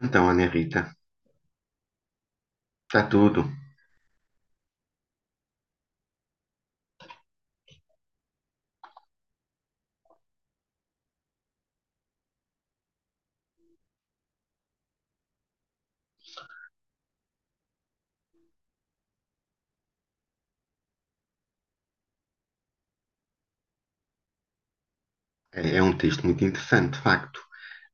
Então, Ana Rita, está tudo. É um texto muito interessante, de facto.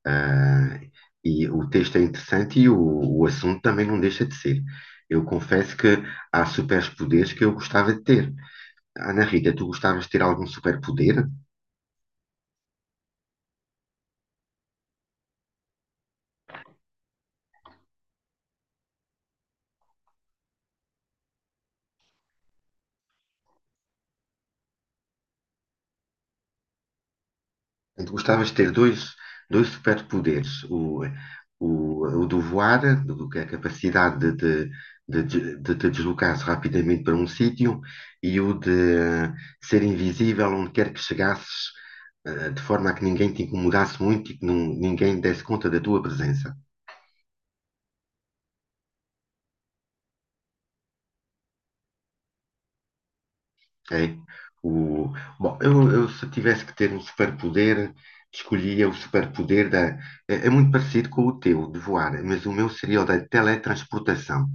Ah, e o texto é interessante e o assunto também não deixa de ser. Eu confesso que há superpoderes que eu gostava de ter. Ana Rita, tu gostavas de ter algum superpoder? Portanto, gostavas de ter dois superpoderes: o do voar, que é a capacidade de te deslocares rapidamente para um sítio, e o de ser invisível onde quer que chegasses, de forma a que ninguém te incomodasse muito e que ninguém desse conta da tua presença. É. O, bom, eu se tivesse que ter um superpoder, escolhia o superpoder da. É muito parecido com o teu, de voar, mas o meu seria o da teletransportação.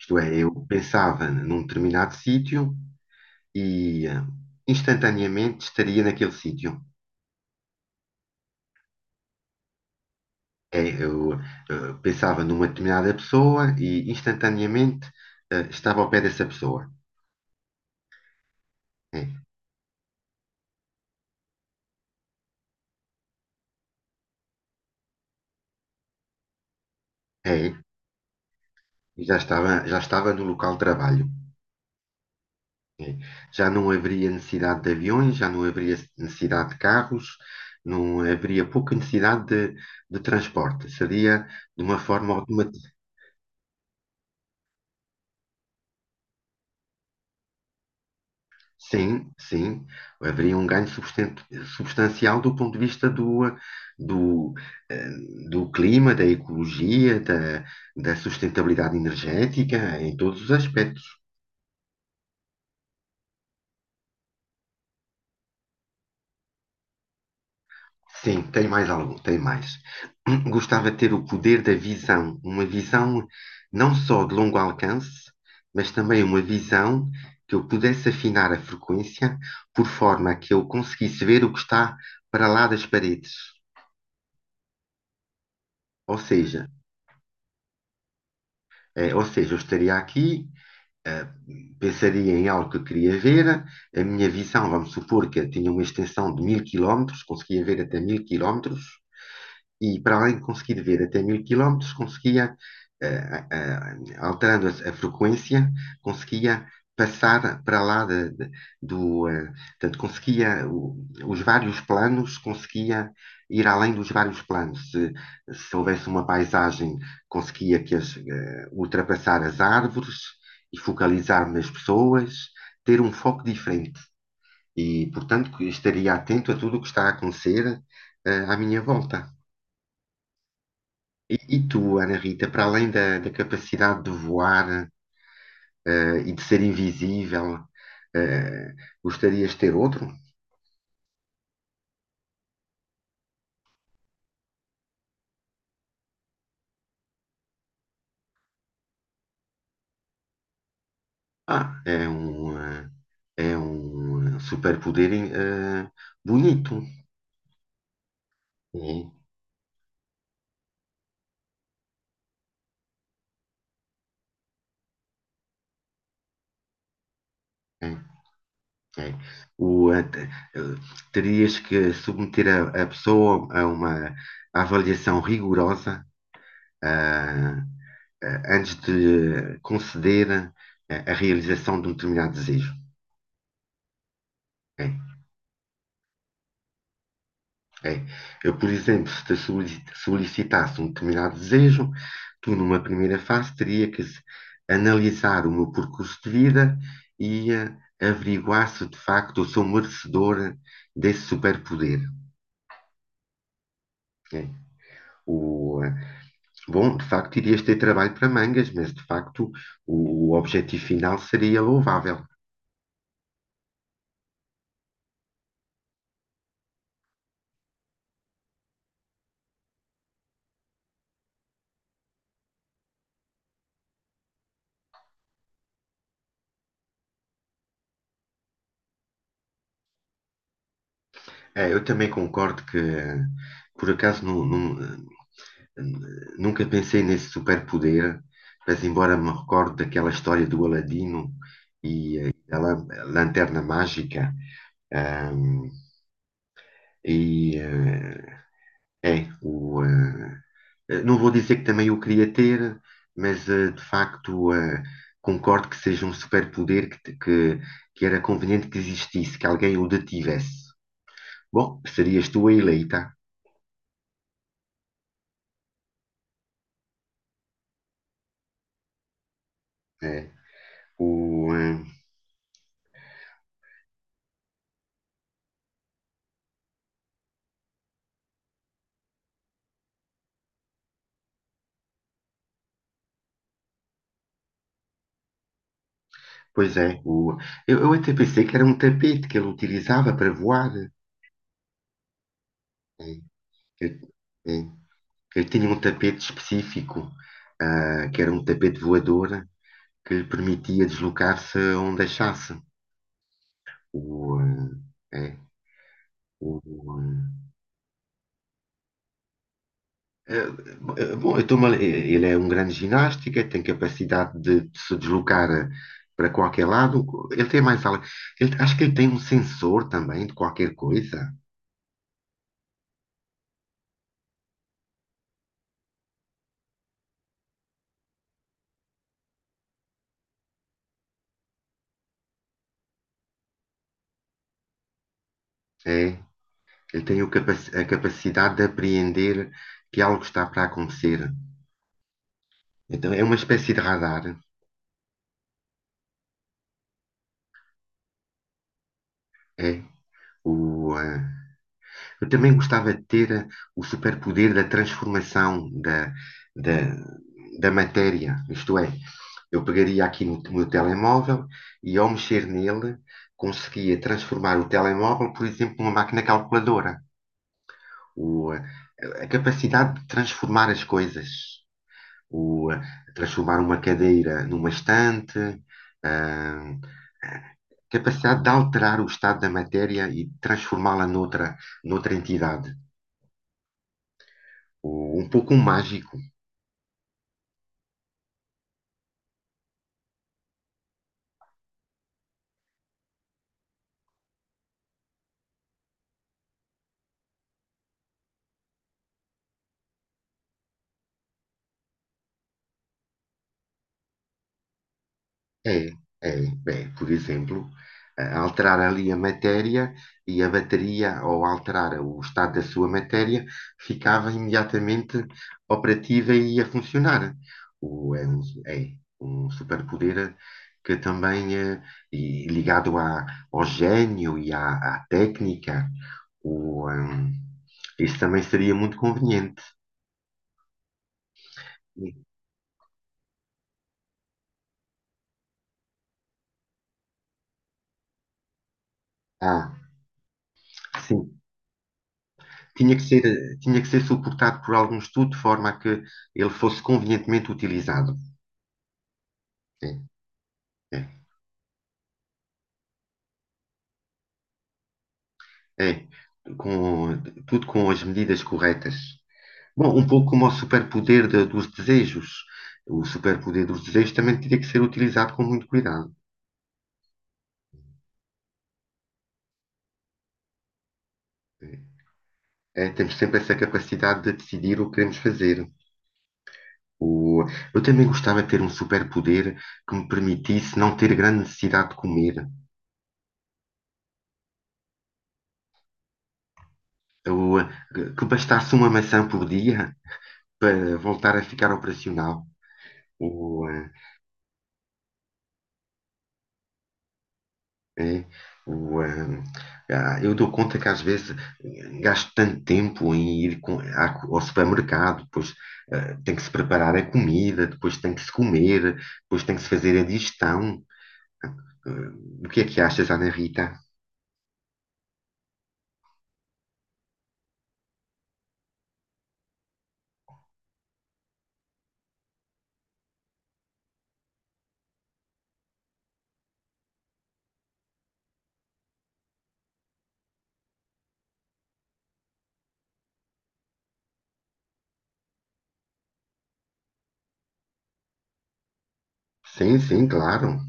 Isto é, eu pensava num determinado sítio e instantaneamente estaria naquele sítio. É, eu pensava numa determinada pessoa e instantaneamente estava ao pé dessa pessoa. É, é, e já estava no local de trabalho. Sim. Já não haveria necessidade de aviões, já não haveria necessidade de carros, não haveria pouca necessidade de transporte. Seria de uma forma automática. Sim, sim, haveria um ganho substancial do ponto de vista do, eh, do clima, da ecologia, da sustentabilidade energética, em todos os aspectos. Sim, tem mais algum, tem mais. Gostava de ter o poder da visão, uma visão não só de longo alcance, mas também uma visão que eu pudesse afinar a frequência por forma que eu conseguisse ver o que está para lá das paredes. Ou seja, ou seja, eu estaria aqui, eh, pensaria em algo que eu queria ver, a minha visão, vamos supor que eu tinha uma extensão de 1000 quilómetros, conseguia ver até 1000 quilómetros, e para além de conseguir ver até 1000 quilómetros, conseguia, eh, eh, alterando a frequência, conseguia passar para lá do, eh, portanto, conseguia os vários planos, conseguia ir além dos vários planos. Se houvesse uma paisagem, conseguia que ultrapassar as árvores e focalizar nas pessoas, ter um foco diferente. E, portanto, que estaria atento a tudo o que está a acontecer, à minha volta. E tu, Ana Rita, para além da capacidade de voar, e de ser invisível, eh, gostarias de ter outro? Ah, é um superpoder, eh, bonito. É, é, é. O, eh, terias que submeter a pessoa a uma avaliação rigorosa, ah, antes de conceder a realização de um determinado desejo. É. É. Eu, por exemplo, se te solicitasse um determinado desejo, tu, numa primeira fase, teria que analisar o meu percurso de vida e averiguar se de facto eu sou merecedor desse superpoder. É. O, bom, de facto, irias ter trabalho para mangas, mas de facto o objetivo final seria louvável. Eu também concordo que, por acaso, não, não- Nunca pensei nesse superpoder, mas embora me recorde daquela história do Aladino e da lanterna mágica, ahm, e é o não vou dizer que também eu queria ter, mas de facto concordo que seja um superpoder que era conveniente que existisse, que alguém o detivesse. Bom, serias tu a eleita. É. O, eh, pois é, eu até pensei que era um tapete que ele utilizava para voar. É, Eu, é, eu tinha um tapete específico, ah, que era um tapete voador que lhe permitia deslocar-se onde achasse. O, ah, é, o, eh, bom, eu estou-me a- eh, ele é um grande ginástica, tem capacidade de se deslocar para qualquer lado. Ele tem mais algo. Ele, acho que ele tem um sensor também de qualquer coisa. É. Eu tenho a capacidade de apreender que algo está para acontecer. Então é uma espécie de radar. É. O, eu também gostava de ter o superpoder da transformação da, da matéria. Isto é, eu pegaria aqui no meu telemóvel e ao mexer nele conseguia transformar o telemóvel, por exemplo, numa máquina calculadora. O, a capacidade de transformar as coisas. O, transformar uma cadeira numa estante, ah, a capacidade de alterar o estado da matéria e transformá-la noutra entidade. Um pouco mágico. É, é, é, por exemplo, alterar ali a matéria e a bateria, ou alterar o estado da sua matéria, ficava imediatamente operativa e a funcionar. O, é um superpoder que também, e ligado ao gênio e à técnica, o, ehm, isso também seria muito conveniente. Ah, sim, tinha que ser suportado por algum estudo de forma a que ele fosse convenientemente utilizado. É, é, é. Com, tudo com as medidas corretas. Bom, um pouco como o superpoder dos desejos. O superpoder dos desejos também teria que ser utilizado com muito cuidado. É, é, temos sempre essa capacidade de decidir o que queremos fazer. O, eu também gostava de ter um superpoder que me permitisse não ter grande necessidade de comer. O, que bastasse uma maçã por dia para voltar a ficar operacional. O, eh, eh, o, eh, ah, eu dou conta que às vezes gasto tanto tempo em ir ao supermercado, depois tem que se preparar a comida, depois tem que se comer, depois tem que se fazer a digestão. Eh, o que é que achas, Ana Rita? Sim, sim, claro.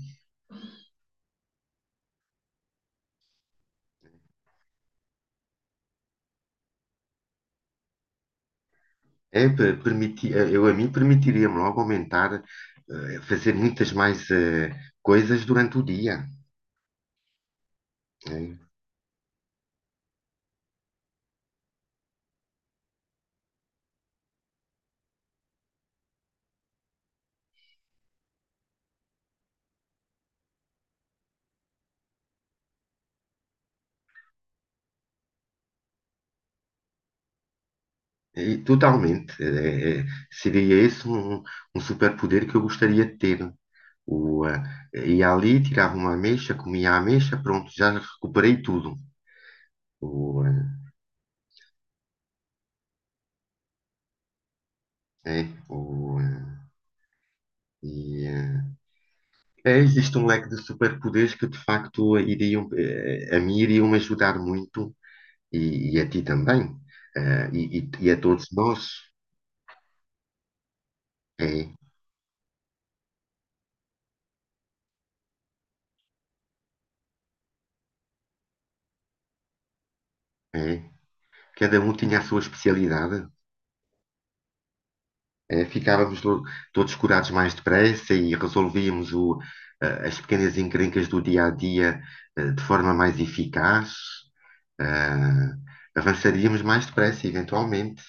É, eu a mim permitiria-me logo aumentar, fazer muitas mais coisas durante o dia. Né? E, totalmente. É, é, seria esse um superpoder que eu gostaria de ter. O, ah, ia ali, tirava uma ameixa, comia a ameixa, pronto, já recuperei tudo. O, ah, é, o, ah, e, ah, é, Existe um leque de superpoderes que de facto iriam, a mim iriam ajudar muito e a ti também. Ah, e a todos nós. É, é. Cada um tinha a sua especialidade. Ficávamos todos curados mais depressa e resolvíamos as pequenas encrencas do dia a dia, de forma mais eficaz. Ah, avançaríamos mais depressa, eventualmente.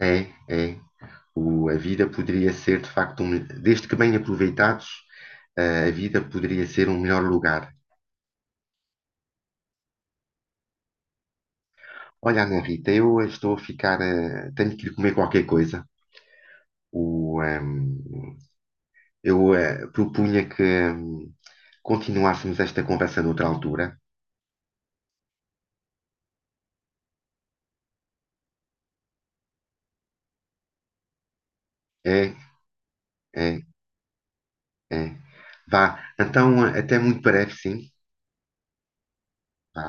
É, é. A vida poderia ser, de facto, desde que bem aproveitados, ah, a vida poderia ser um melhor lugar. Olha, Ana Rita, eu estou a ficar. Ah, tenho que ir comer qualquer coisa. O, eu propunha que hum, continuássemos esta conversa noutra altura. É, é, é. Vá, então até muito breve, sim. Vá.